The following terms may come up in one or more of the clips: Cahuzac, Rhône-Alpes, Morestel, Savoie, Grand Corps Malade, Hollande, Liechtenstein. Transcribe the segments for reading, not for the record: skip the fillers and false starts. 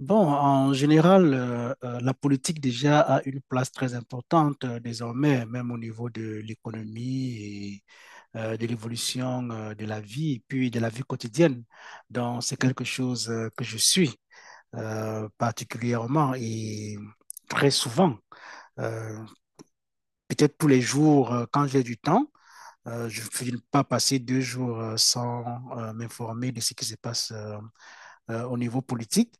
Bon, en général, la politique déjà a une place très importante désormais, même au niveau de l'économie et de l'évolution de la vie, puis de la vie quotidienne. Donc, c'est quelque chose que je suis particulièrement et très souvent. Euh, Peut-être tous les jours, quand j'ai du temps, je ne peux pas passer 2 jours sans m'informer de ce qui se passe, au niveau politique.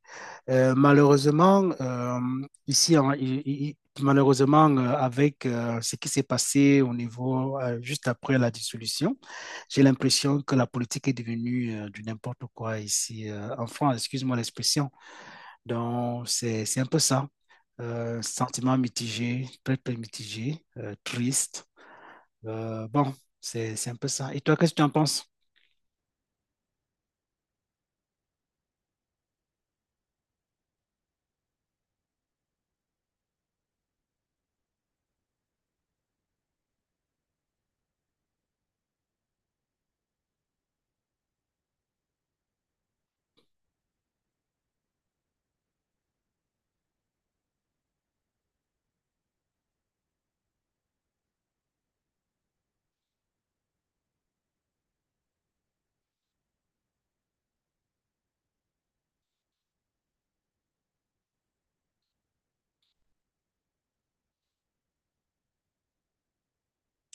Malheureusement, ici, malheureusement, avec ce qui s'est passé au niveau juste après la dissolution, j'ai l'impression que la politique est devenue du n'importe quoi ici en France, excuse-moi l'expression. Donc, c'est un peu ça. Sentiment mitigé, très, très mitigé, triste. Bon, c'est un peu ça. Et toi, qu'est-ce que tu en penses?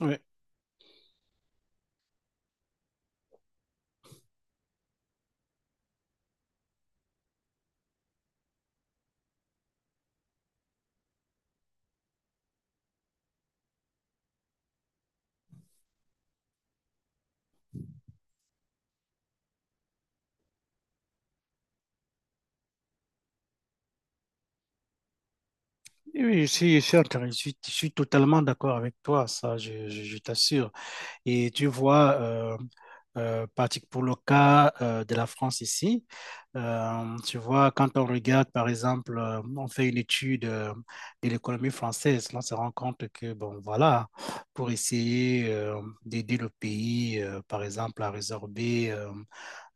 Ouais. Oui, oui, je suis totalement d'accord avec toi, ça, je t'assure. Et tu vois, pour le cas de la France ici, tu vois, quand on regarde, par exemple, on fait une étude de l'économie française, on se rend compte que, bon, voilà, pour essayer d'aider le pays, par exemple, à résorber euh,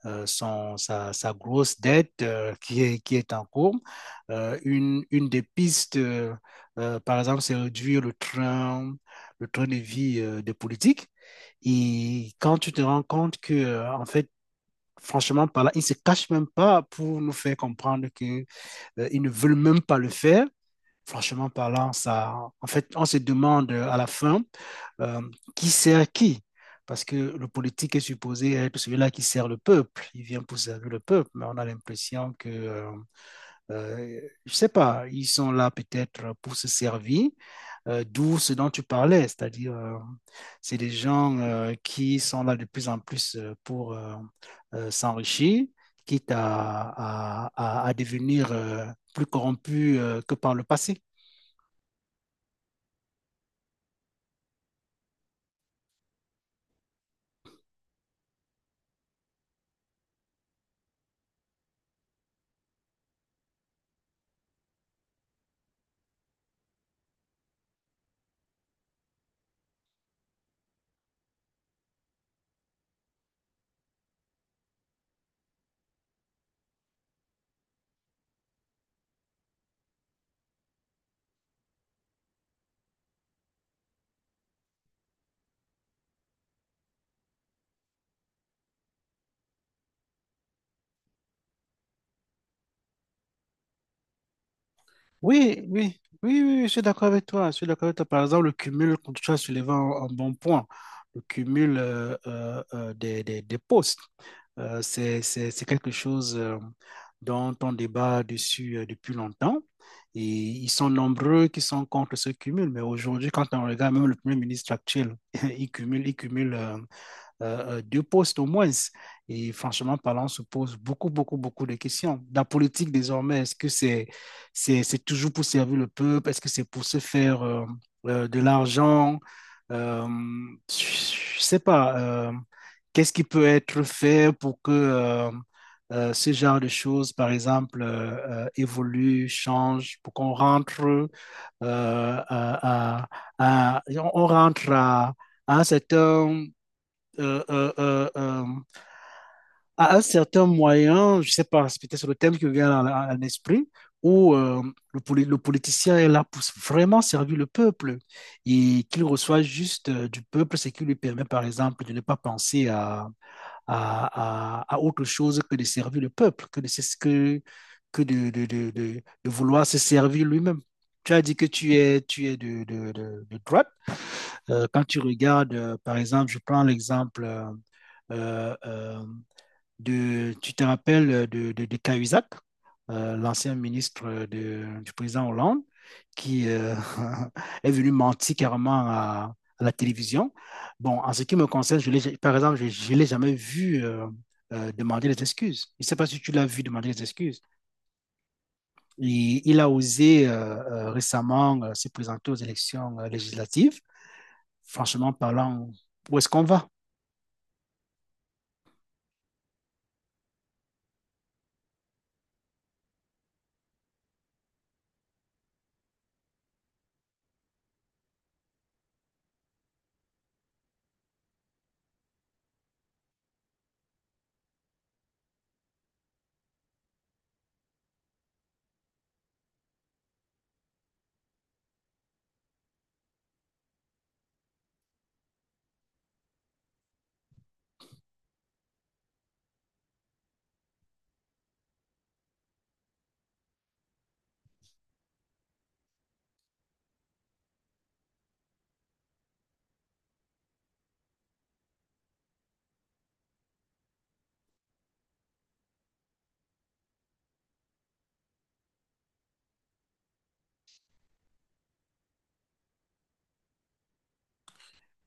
euh, grosse dette qui est en cours. Une des pistes, par exemple, c'est réduire le train de vie des politiques. Et quand tu te rends compte que, en fait, franchement, par là, ils ne se cachent même pas pour nous faire comprendre qu'ils ne veulent même pas le faire franchement parlant, ça, en fait, on se demande à la fin euh, qui sert qui. Parce que le politique est supposé être celui-là qui sert le peuple. Il vient pour servir le peuple, mais on a l'impression que, euh, je ne sais pas, ils sont là peut-être pour se servir, d'où ce dont tu parlais, c'est-à-dire, c'est des gens qui sont là de plus en plus pour s'enrichir, quitte à devenir plus corrompus que par le passé. Oui, oui, oui, oui, oui, je suis d'accord avec toi. Je suis d'accord avec toi. Par exemple, le cumul, quand tu as soulevé un bon point, le cumul des postes, c'est quelque chose dont on débat dessus depuis longtemps. Et ils sont nombreux qui sont contre ce cumul. Mais aujourd'hui, quand on regarde même le Premier ministre actuel, il cumule, il cumule, 2 postes au moins. Et franchement parlant, on se pose beaucoup, beaucoup, beaucoup de questions. La politique désormais, est-ce que c'est toujours pour servir le peuple? Est-ce que c'est pour se faire de l'argent? Euh, je ne sais pas. Qu'est-ce qui peut être fait pour que ce genre de choses, par exemple, évolue, change, pour qu'on rentre euh, à, à- à- on rentre à un certain euh, euh, euh, euh, à un certain moyen, je ne sais pas, c'est peut-être sur le thème qui me vient à l'esprit, où le politicien est là pour vraiment servir le peuple et qu'il reçoit juste du peuple, ce qui lui permet, par exemple, de ne pas penser à autre chose que de servir le peuple, que de vouloir se servir lui-même. Tu as dit que tu es de droite. Quand tu regardes, par exemple, je prends l'exemple euh, euh, tu te rappelles de Cahuzac, l'ancien ministre du président Hollande, qui est venu mentir carrément à la télévision. Bon, en ce qui me concerne, par exemple, je ne l'ai jamais vu demander des excuses. Je ne sais pas si tu l'as vu demander des excuses. Et, il a osé récemment se présenter aux élections législatives franchement parlant, où est-ce qu'on va?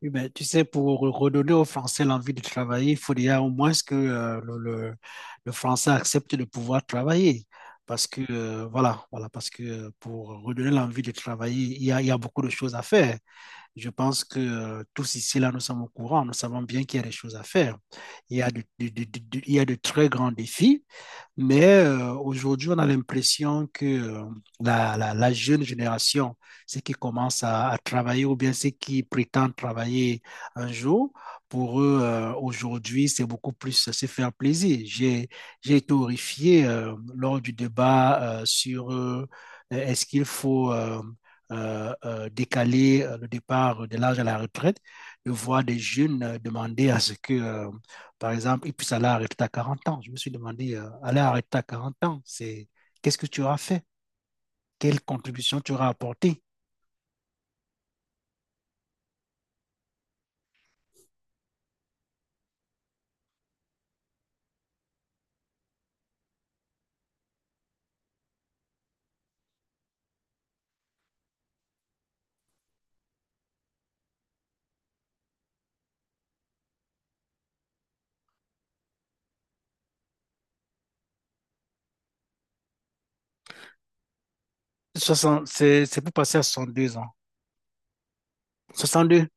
Oui, ben, tu sais, pour redonner aux Français l'envie de travailler, il faut déjà au moins que le Français accepte de pouvoir travailler. Parce que, voilà, voilà, parce que pour redonner l'envie de travailler, il y a beaucoup de choses à faire. Je pense que tous ici, là, nous sommes au courant, nous savons bien qu'il y a des choses à faire. Il y a de très grands défis mais aujourd'hui, on a l'impression que la jeune génération, ceux qui commencent à travailler ou bien ceux qui prétendent travailler un jour, pour eux, aujourd'hui, c'est beaucoup plus se faire plaisir. J'ai été horrifié lors du débat sur est-ce qu'il faut décaler le départ de l'âge à la retraite, de voir des jeunes demander à ce que par exemple, il puisse aller arrêter à 40 ans. Je me suis demandé, aller arrêter à 40 ans, c'est qu'est-ce que tu auras fait? Quelle contribution tu auras apportée? Soixante C'est pour passer à 62 ans. Soixante deux.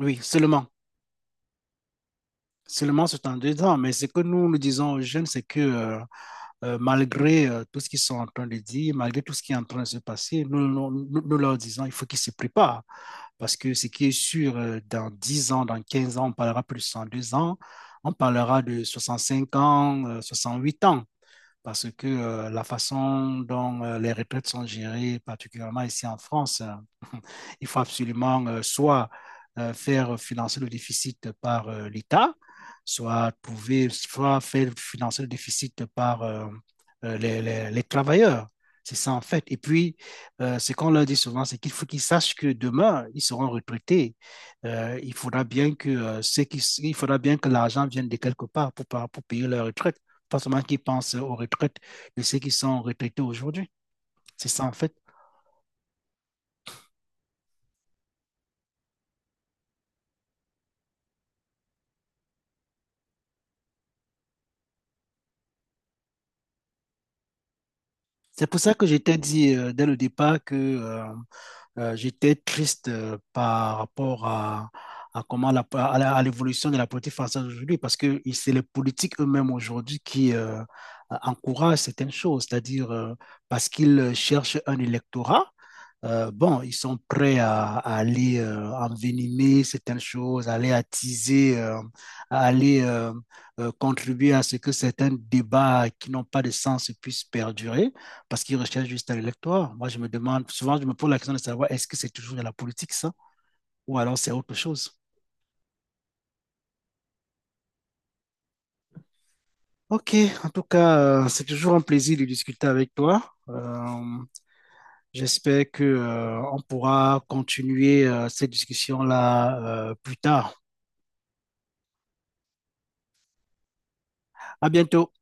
Oui, seulement. Seulement c'est en 2 ans, mais ce que nous nous disons aux jeunes, c'est que malgré tout ce qu'ils sont en train de dire, malgré tout ce qui est en train de se passer, nous leur disons il faut qu'ils se préparent. Parce que ce qui est sûr, dans 10 ans, dans 15 ans, on parlera plus de 102 ans, on parlera de 65 ans, 8 ans. Parce que la façon dont les retraites sont gérées, particulièrement ici en France, il faut absolument soit faire financer le déficit par l'État, soit trouver, soit faire financer le déficit par les travailleurs. C'est ça en fait. Et puis, ce qu'on leur dit souvent, c'est qu'il faut qu'ils sachent que demain, ils seront retraités. Il faudra bien que il faudra bien que l'argent vienne de quelque part pour payer leur retraite. Pas seulement qu'ils pensent aux retraites de ceux qui sont retraités aujourd'hui. C'est ça en fait. C'est pour ça que j'étais dit dès le départ que j'étais triste par rapport à comment à l'évolution de la politique française aujourd'hui, parce que c'est les politiques eux-mêmes aujourd'hui qui encouragent certaines choses, c'est-à-dire parce qu'ils cherchent un électorat. Bon, ils sont prêts à aller envenimer certaines choses, à aller attiser, à aller contribuer à ce que certains débats qui n'ont pas de sens puissent perdurer parce qu'ils recherchent juste à l'électoire. Moi, je me demande, souvent, je me pose la question de savoir est-ce que c'est toujours de la politique, ça, ou alors c'est autre chose. Ok, en tout cas, c'est toujours un plaisir de discuter avec toi. J'espère que, on pourra continuer, cette discussion-là, plus tard. À bientôt.